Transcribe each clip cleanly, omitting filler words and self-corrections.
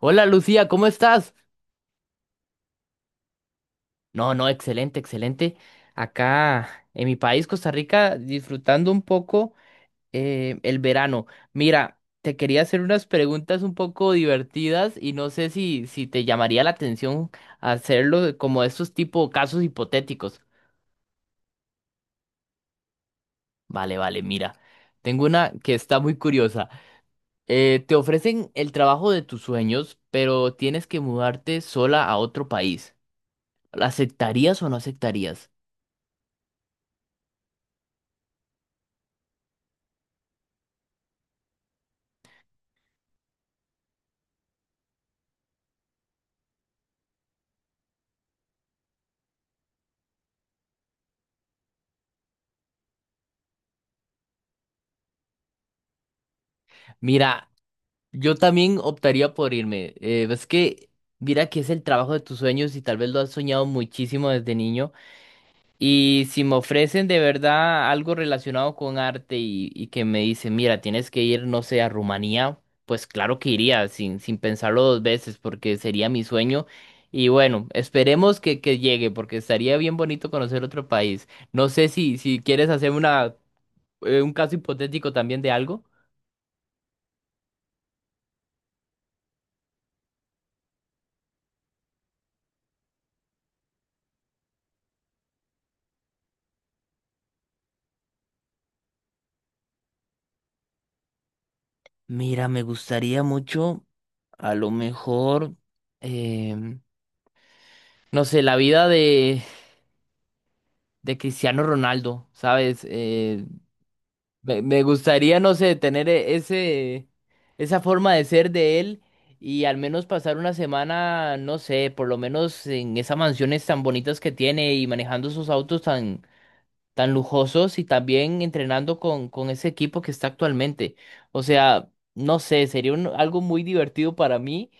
Hola Lucía, ¿cómo estás? No, no, excelente, excelente. Acá en mi país, Costa Rica, disfrutando un poco el verano. Mira, te quería hacer unas preguntas un poco divertidas y no sé si te llamaría la atención hacerlo como estos tipo casos hipotéticos. Vale, vale, mira. Tengo una que está muy curiosa. Te ofrecen el trabajo de tus sueños, pero tienes que mudarte sola a otro país. ¿La aceptarías o no aceptarías? Mira. Yo también optaría por irme. Es que, mira que es el trabajo de tus sueños y tal vez lo has soñado muchísimo desde niño. Y si me ofrecen de verdad algo relacionado con arte y que me dicen, mira, tienes que ir, no sé, a Rumanía, pues claro que iría sin pensarlo dos veces porque sería mi sueño. Y bueno, esperemos que llegue porque estaría bien bonito conocer otro país. No sé si quieres hacer una, un caso hipotético también de algo. Mira, me gustaría mucho, a lo mejor, em, no sé, la vida de Cristiano Ronaldo, ¿sabes? Me gustaría, no sé, tener esa forma de ser de él y al menos pasar una semana, no sé, por lo menos en esas mansiones tan bonitas que tiene y manejando sus autos tan, tan lujosos y también entrenando con ese equipo que está actualmente. O sea, no sé, sería algo muy divertido para mí.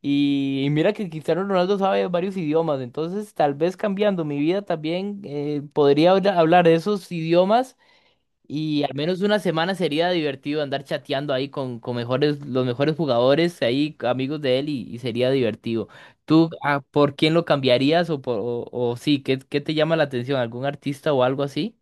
Y mira que Cristiano Ronaldo sabe varios idiomas, entonces tal vez cambiando mi vida también podría hablar esos idiomas y al menos una semana sería divertido andar chateando ahí con los mejores jugadores, ahí amigos de él y sería divertido. ¿Tú por quién lo cambiarías o sí, qué te llama la atención? ¿Algún artista o algo así?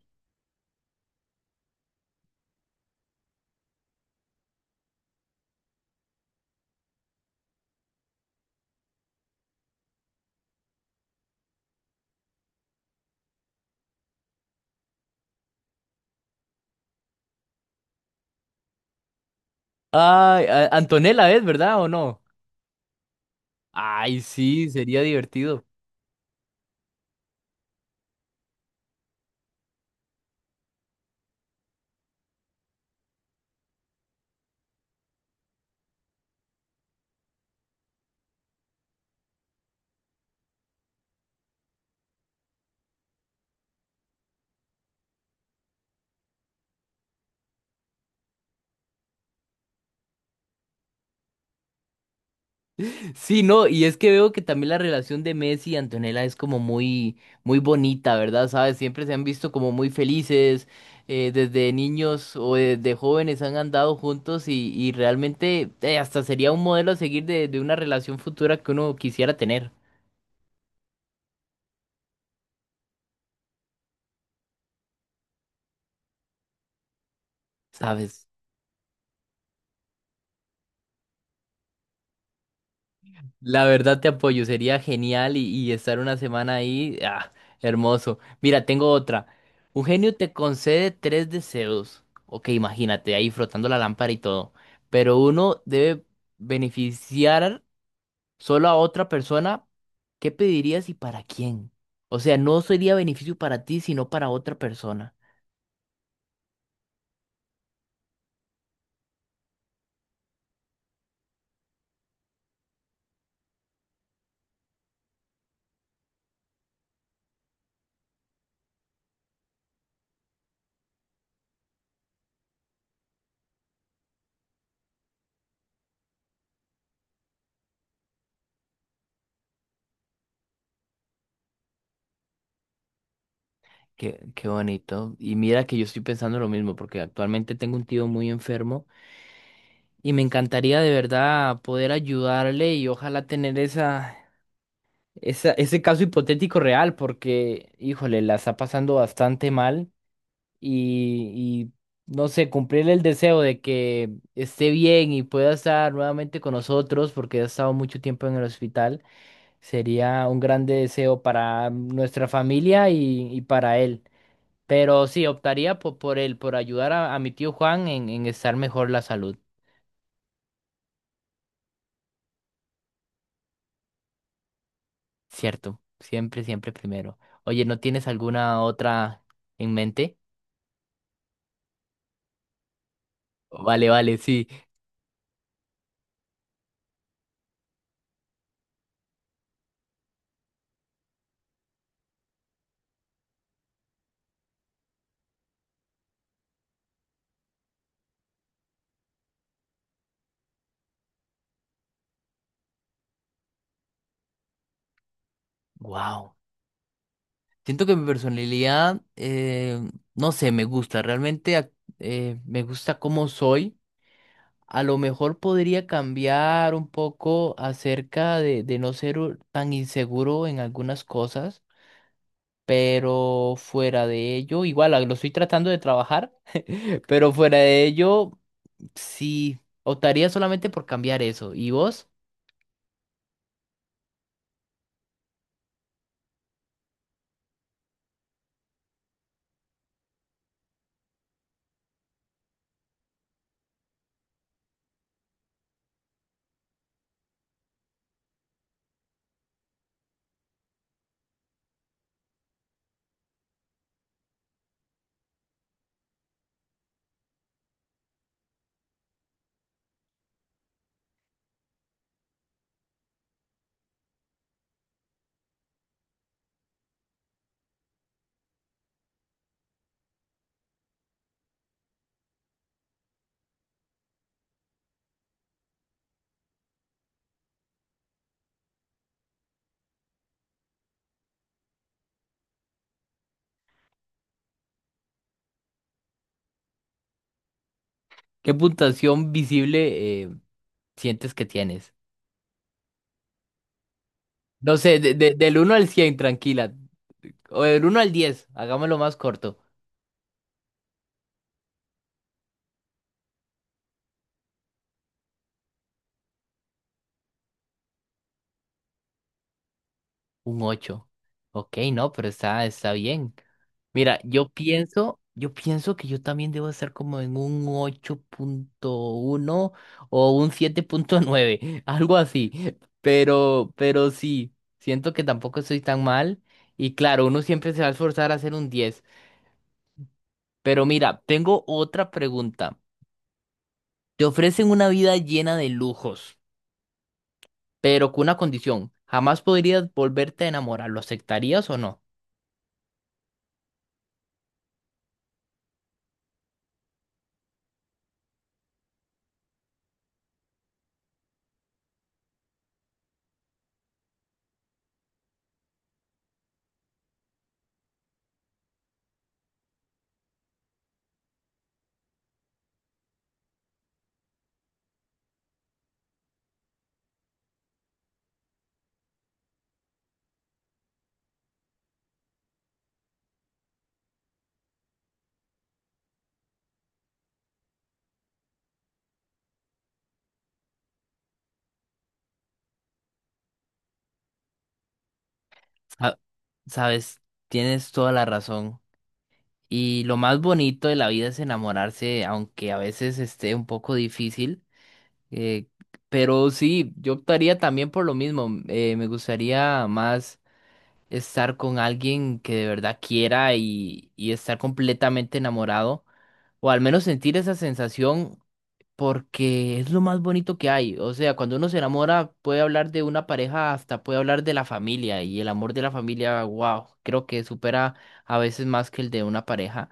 Ay, Antonella es, ¿verdad o no? Ay, sí, sería divertido. Sí, no, y es que veo que también la relación de Messi y Antonella es como muy, muy bonita, ¿verdad? ¿Sabes? Siempre se han visto como muy felices, desde niños o desde jóvenes han andado juntos y realmente hasta sería un modelo a seguir de una relación futura que uno quisiera tener, ¿sabes? La verdad te apoyo, sería genial y estar una semana ahí, ah, hermoso. Mira, tengo otra. Un genio te concede tres deseos. Ok, imagínate, ahí frotando la lámpara y todo. Pero uno debe beneficiar solo a otra persona. ¿Qué pedirías y para quién? O sea, no sería beneficio para ti, sino para otra persona. Qué bonito. Y mira que yo estoy pensando lo mismo, porque actualmente tengo un tío muy enfermo. Y me encantaría de verdad poder ayudarle y ojalá tener ese caso hipotético real, porque, híjole, la está pasando bastante mal y, y, no sé, cumplirle el deseo de que esté bien y pueda estar nuevamente con nosotros, porque ha estado mucho tiempo en el hospital, sería un grande deseo para nuestra familia y para él. Pero sí, optaría por, él, por ayudar a mi tío Juan en estar mejor la salud. Cierto, siempre, siempre primero. Oye, ¿no tienes alguna otra en mente? Vale, vale, sí. Wow. Siento que mi personalidad, no sé, me gusta. Realmente me gusta cómo soy. A lo mejor podría cambiar un poco acerca de no ser tan inseguro en algunas cosas, pero fuera de ello, igual lo estoy tratando de trabajar, pero fuera de ello. Sí, optaría solamente por cambiar eso. ¿Y vos? ¿Qué puntuación visible sientes que tienes? No sé, del uno al 100, tranquila. O del uno al 10, hagámoslo más corto. Un 8, Ok, no, pero está bien. Mira, yo pienso que yo también debo estar como en un 8.1 o un 7.9, algo así. Pero sí, siento que tampoco estoy tan mal. Y claro, uno siempre se va a esforzar a hacer un 10. Pero mira, tengo otra pregunta. Te ofrecen una vida llena de lujos, pero con una condición. Jamás podrías volverte a enamorar. ¿Lo aceptarías o no? Ah, sabes, tienes toda la razón. Y lo más bonito de la vida es enamorarse, aunque a veces esté un poco difícil. eh, pero sí, yo optaría también por lo mismo. Me gustaría más estar con alguien que de verdad quiera y estar completamente enamorado, o al menos sentir esa sensación porque es lo más bonito que hay. O sea, cuando uno se enamora, puede hablar de una pareja, hasta puede hablar de la familia, y el amor de la familia, wow, creo que supera a veces más que el de una pareja.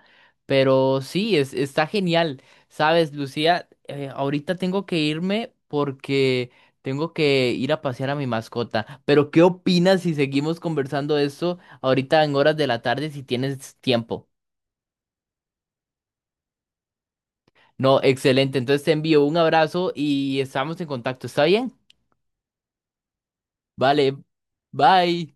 Pero sí, es, está genial. Sabes, Lucía, ahorita tengo que irme porque tengo que ir a pasear a mi mascota. Pero, ¿qué opinas si seguimos conversando de esto ahorita en horas de la tarde si tienes tiempo? No, excelente. Entonces te envío un abrazo y estamos en contacto. ¿Está bien? Vale, bye.